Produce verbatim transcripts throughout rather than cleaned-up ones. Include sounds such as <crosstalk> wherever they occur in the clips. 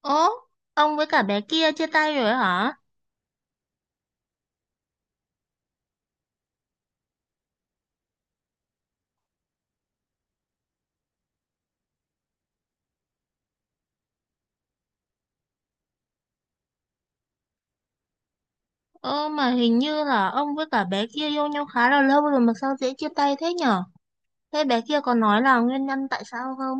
Ố, ông với cả bé kia chia tay rồi hả? Ơ mà hình như là ông với cả bé kia yêu nhau khá là lâu rồi mà sao dễ chia tay thế nhở? Thế bé kia có nói là nguyên nhân tại sao không?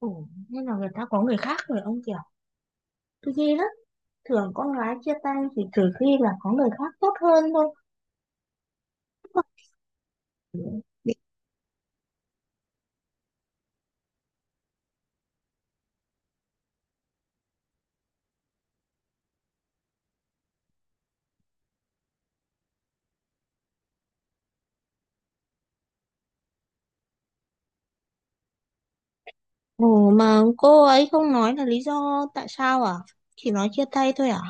Ủa, nên là người ta có người khác rồi ông kiểu. Tôi ghê lắm. Thường con gái chia tay thì trừ khi là có người khác tốt hơn thôi. Ồ mà cô ấy không nói là lý do tại sao à? Chỉ nói chia tay thôi à?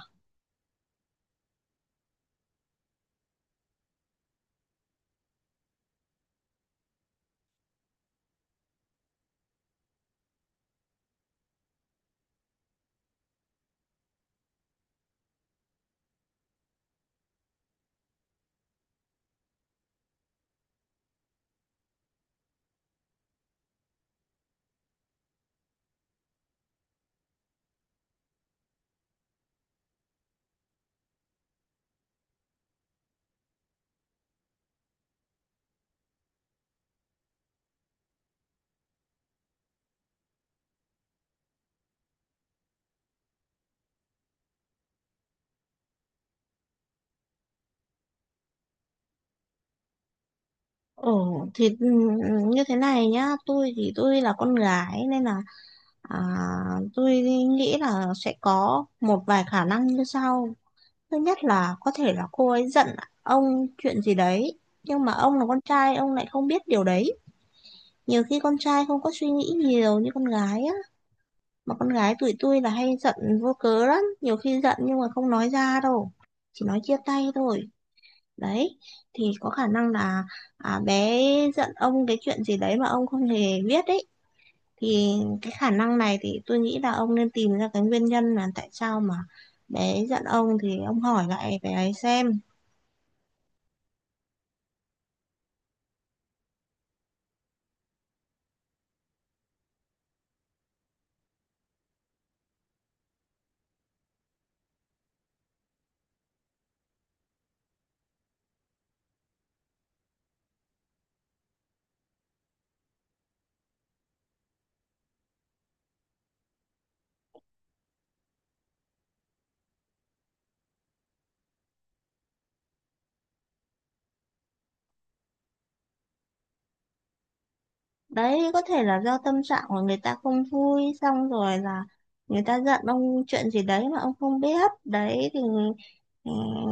Ồ thì ừ, như thế này nhá, tôi thì tôi là con gái nên là, à, tôi nghĩ là sẽ có một vài khả năng như sau. Thứ nhất là có thể là cô ấy giận ông chuyện gì đấy, nhưng mà ông là con trai, ông lại không biết điều đấy. Nhiều khi con trai không có suy nghĩ nhiều như con gái á, mà con gái tụi tôi là hay giận vô cớ lắm, nhiều khi giận nhưng mà không nói ra đâu, chỉ nói chia tay thôi. Đấy, thì có khả năng là, à, bé giận ông cái chuyện gì đấy mà ông không hề biết đấy, thì cái khả năng này thì tôi nghĩ là ông nên tìm ra cái nguyên nhân là tại sao mà bé ấy giận ông, thì ông hỏi lại bé ấy xem. Đấy có thể là do tâm trạng của người ta không vui, xong rồi là người ta giận ông chuyện gì đấy mà ông không biết đấy, thì ừ,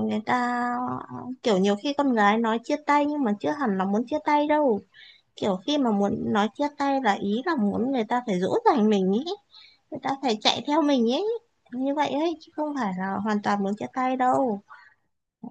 người ta kiểu nhiều khi con gái nói chia tay nhưng mà chưa hẳn là muốn chia tay đâu, kiểu khi mà muốn nói chia tay là ý là muốn người ta phải dỗ dành mình ý, người ta phải chạy theo mình ấy, như vậy ấy chứ không phải là hoàn toàn muốn chia tay đâu. Ờ,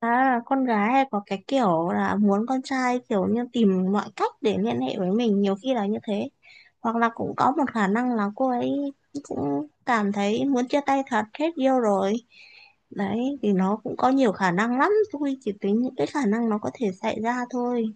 à, con gái hay có cái kiểu là muốn con trai kiểu như tìm mọi cách để liên hệ với mình, nhiều khi là như thế. Hoặc là cũng có một khả năng là cô ấy cũng cảm thấy muốn chia tay thật, hết yêu rồi. Đấy thì nó cũng có nhiều khả năng lắm, tôi chỉ tính những cái khả năng nó có thể xảy ra thôi.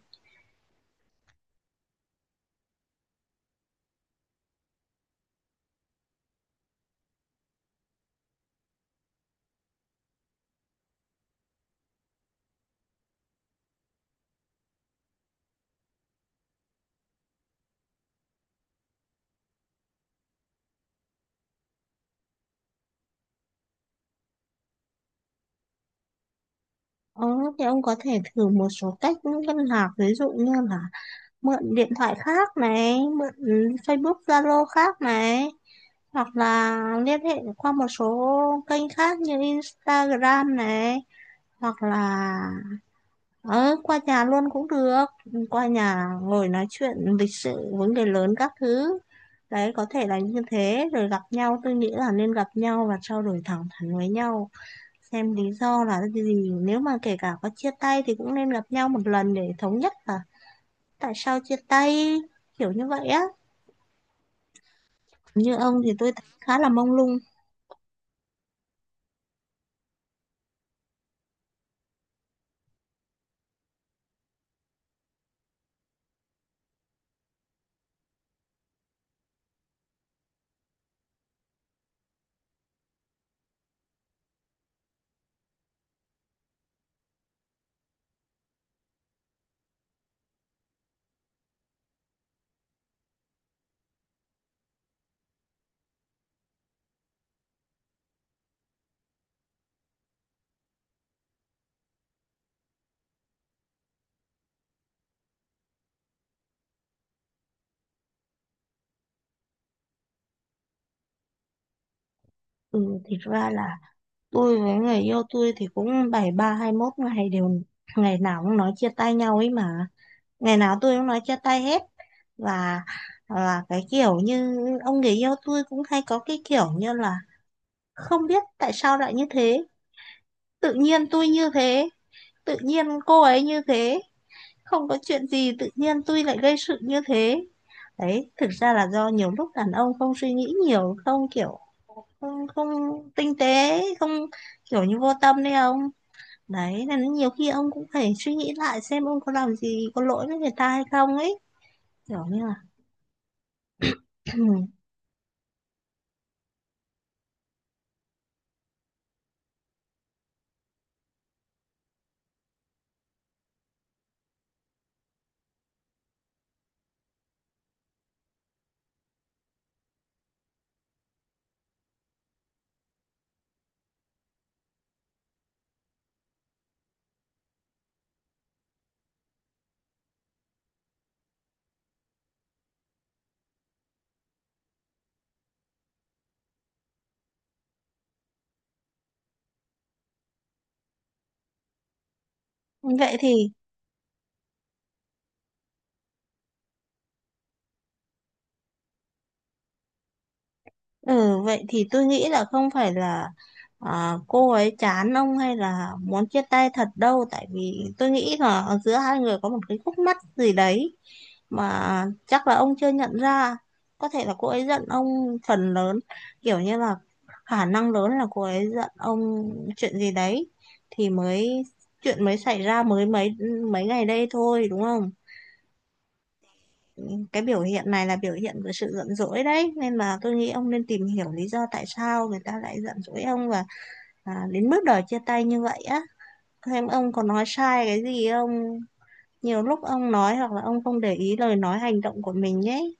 ờ, thì ông có thể thử một số cách liên lạc, ví dụ như là mượn điện thoại khác này, mượn Facebook Zalo khác này, hoặc là liên hệ qua một số kênh khác như Instagram này, hoặc là ở qua nhà luôn cũng được, qua nhà ngồi nói chuyện lịch sự, vấn đề lớn các thứ. Đấy có thể là như thế, rồi gặp nhau, tôi nghĩ là nên gặp nhau và trao đổi thẳng thắn với nhau, xem lý do là cái gì. Nếu mà kể cả có chia tay thì cũng nên gặp nhau một lần để thống nhất là tại sao chia tay, kiểu như vậy á. Như ông thì tôi thấy khá là mông lung. Ừ, thì ra là tôi với người yêu tôi thì cũng bảy ba hai mốt ngày đều, ngày nào cũng nói chia tay nhau ấy mà. Ngày nào tôi cũng nói chia tay hết. Và là cái kiểu như ông người yêu tôi cũng hay có cái kiểu như là không biết tại sao lại như thế. Tự nhiên tôi như thế, tự nhiên cô ấy như thế. Không có chuyện gì tự nhiên tôi lại gây sự như thế. Đấy, thực ra là do nhiều lúc đàn ông không suy nghĩ nhiều, không kiểu, không không tinh tế, không kiểu như vô tâm đấy ông. Đấy nên nhiều khi ông cũng phải suy nghĩ lại xem ông có làm gì có lỗi với người ta hay không ấy, kiểu như là <clears throat> vậy thì. Ừ, vậy thì tôi nghĩ là không phải là, à, cô ấy chán ông hay là muốn chia tay thật đâu, tại vì tôi nghĩ là ở giữa hai người có một cái khúc mắc gì đấy mà chắc là ông chưa nhận ra. Có thể là cô ấy giận ông phần lớn, kiểu như là khả năng lớn là cô ấy giận ông chuyện gì đấy, thì mới chuyện mới xảy ra mới mấy mấy ngày đây thôi, đúng không? Cái biểu hiện này là biểu hiện của sự giận dỗi đấy, nên mà tôi nghĩ ông nên tìm hiểu lý do tại sao người ta lại giận dỗi ông và, à, đến bước đòi chia tay như vậy á. Thêm ông có nói sai cái gì không, nhiều lúc ông nói hoặc là ông không để ý lời nói hành động của mình ấy,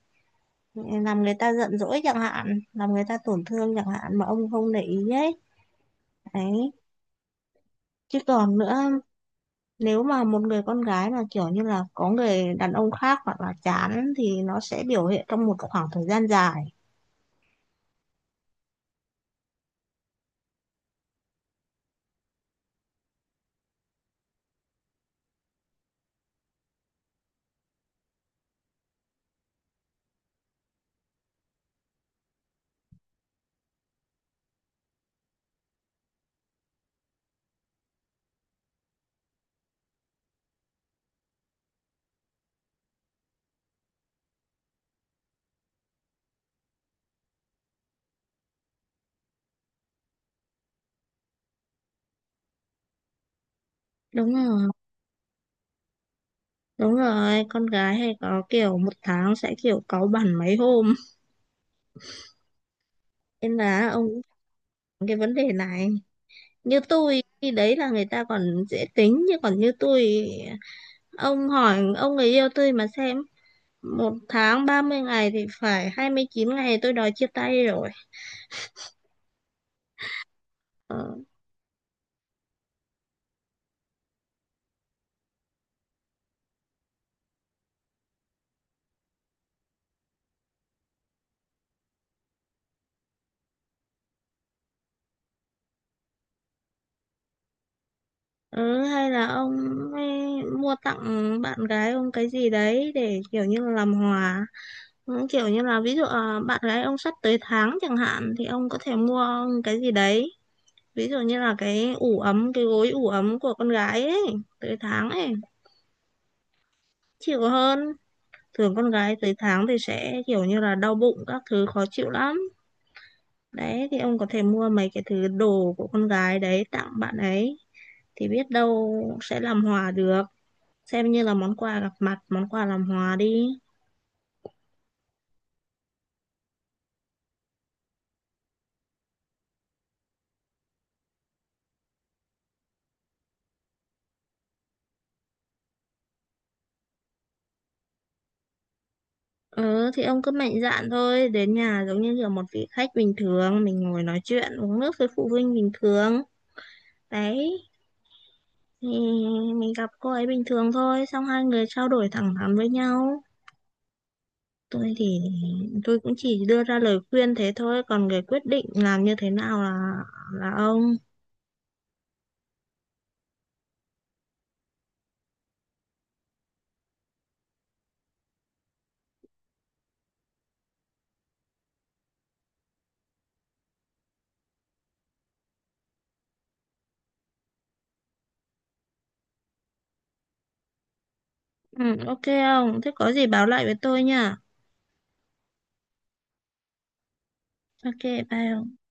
làm người ta giận dỗi chẳng hạn, làm người ta tổn thương chẳng hạn mà ông không để ý ấy. Đấy, chứ còn nữa, nếu mà một người con gái mà kiểu như là có người đàn ông khác hoặc là chán thì nó sẽ biểu hiện trong một khoảng thời gian dài. Đúng rồi. Đúng rồi, con gái hay có kiểu một tháng sẽ kiểu cáu bẳn mấy hôm. Nên là ông cũng có cái vấn đề này. Như tôi, khi đấy là người ta còn dễ tính. Nhưng còn như tôi, ông hỏi ông người yêu tôi mà xem. Một tháng ba mươi ngày thì phải hai mươi chín ngày tôi đòi chia tay rồi. Ờ, ừ, hay là ông ấy mua tặng bạn gái ông cái gì đấy để kiểu như là làm hòa. Ừ, kiểu như là ví dụ à, bạn gái ông sắp tới tháng chẳng hạn thì ông có thể mua cái gì đấy, ví dụ như là cái ủ ấm, cái gối ủ ấm của con gái ấy, tới tháng ấy chịu hơn. Thường con gái tới tháng thì sẽ kiểu như là đau bụng các thứ, khó chịu lắm. Đấy thì ông có thể mua mấy cái thứ đồ của con gái đấy tặng bạn ấy, thì biết đâu sẽ làm hòa được, xem như là món quà gặp mặt, món quà làm hòa đi. Ừ thì ông cứ mạnh dạn thôi, đến nhà giống như là một vị khách bình thường, mình ngồi nói chuyện uống nước với phụ huynh bình thường. Đấy thì mình gặp cô ấy bình thường thôi, xong hai người trao đổi thẳng thắn với nhau. Tôi thì tôi cũng chỉ đưa ra lời khuyên thế thôi, còn người quyết định làm như thế nào là là ông. Ừ, ok ông, thế có gì báo lại với tôi nha. Ok, bye ông.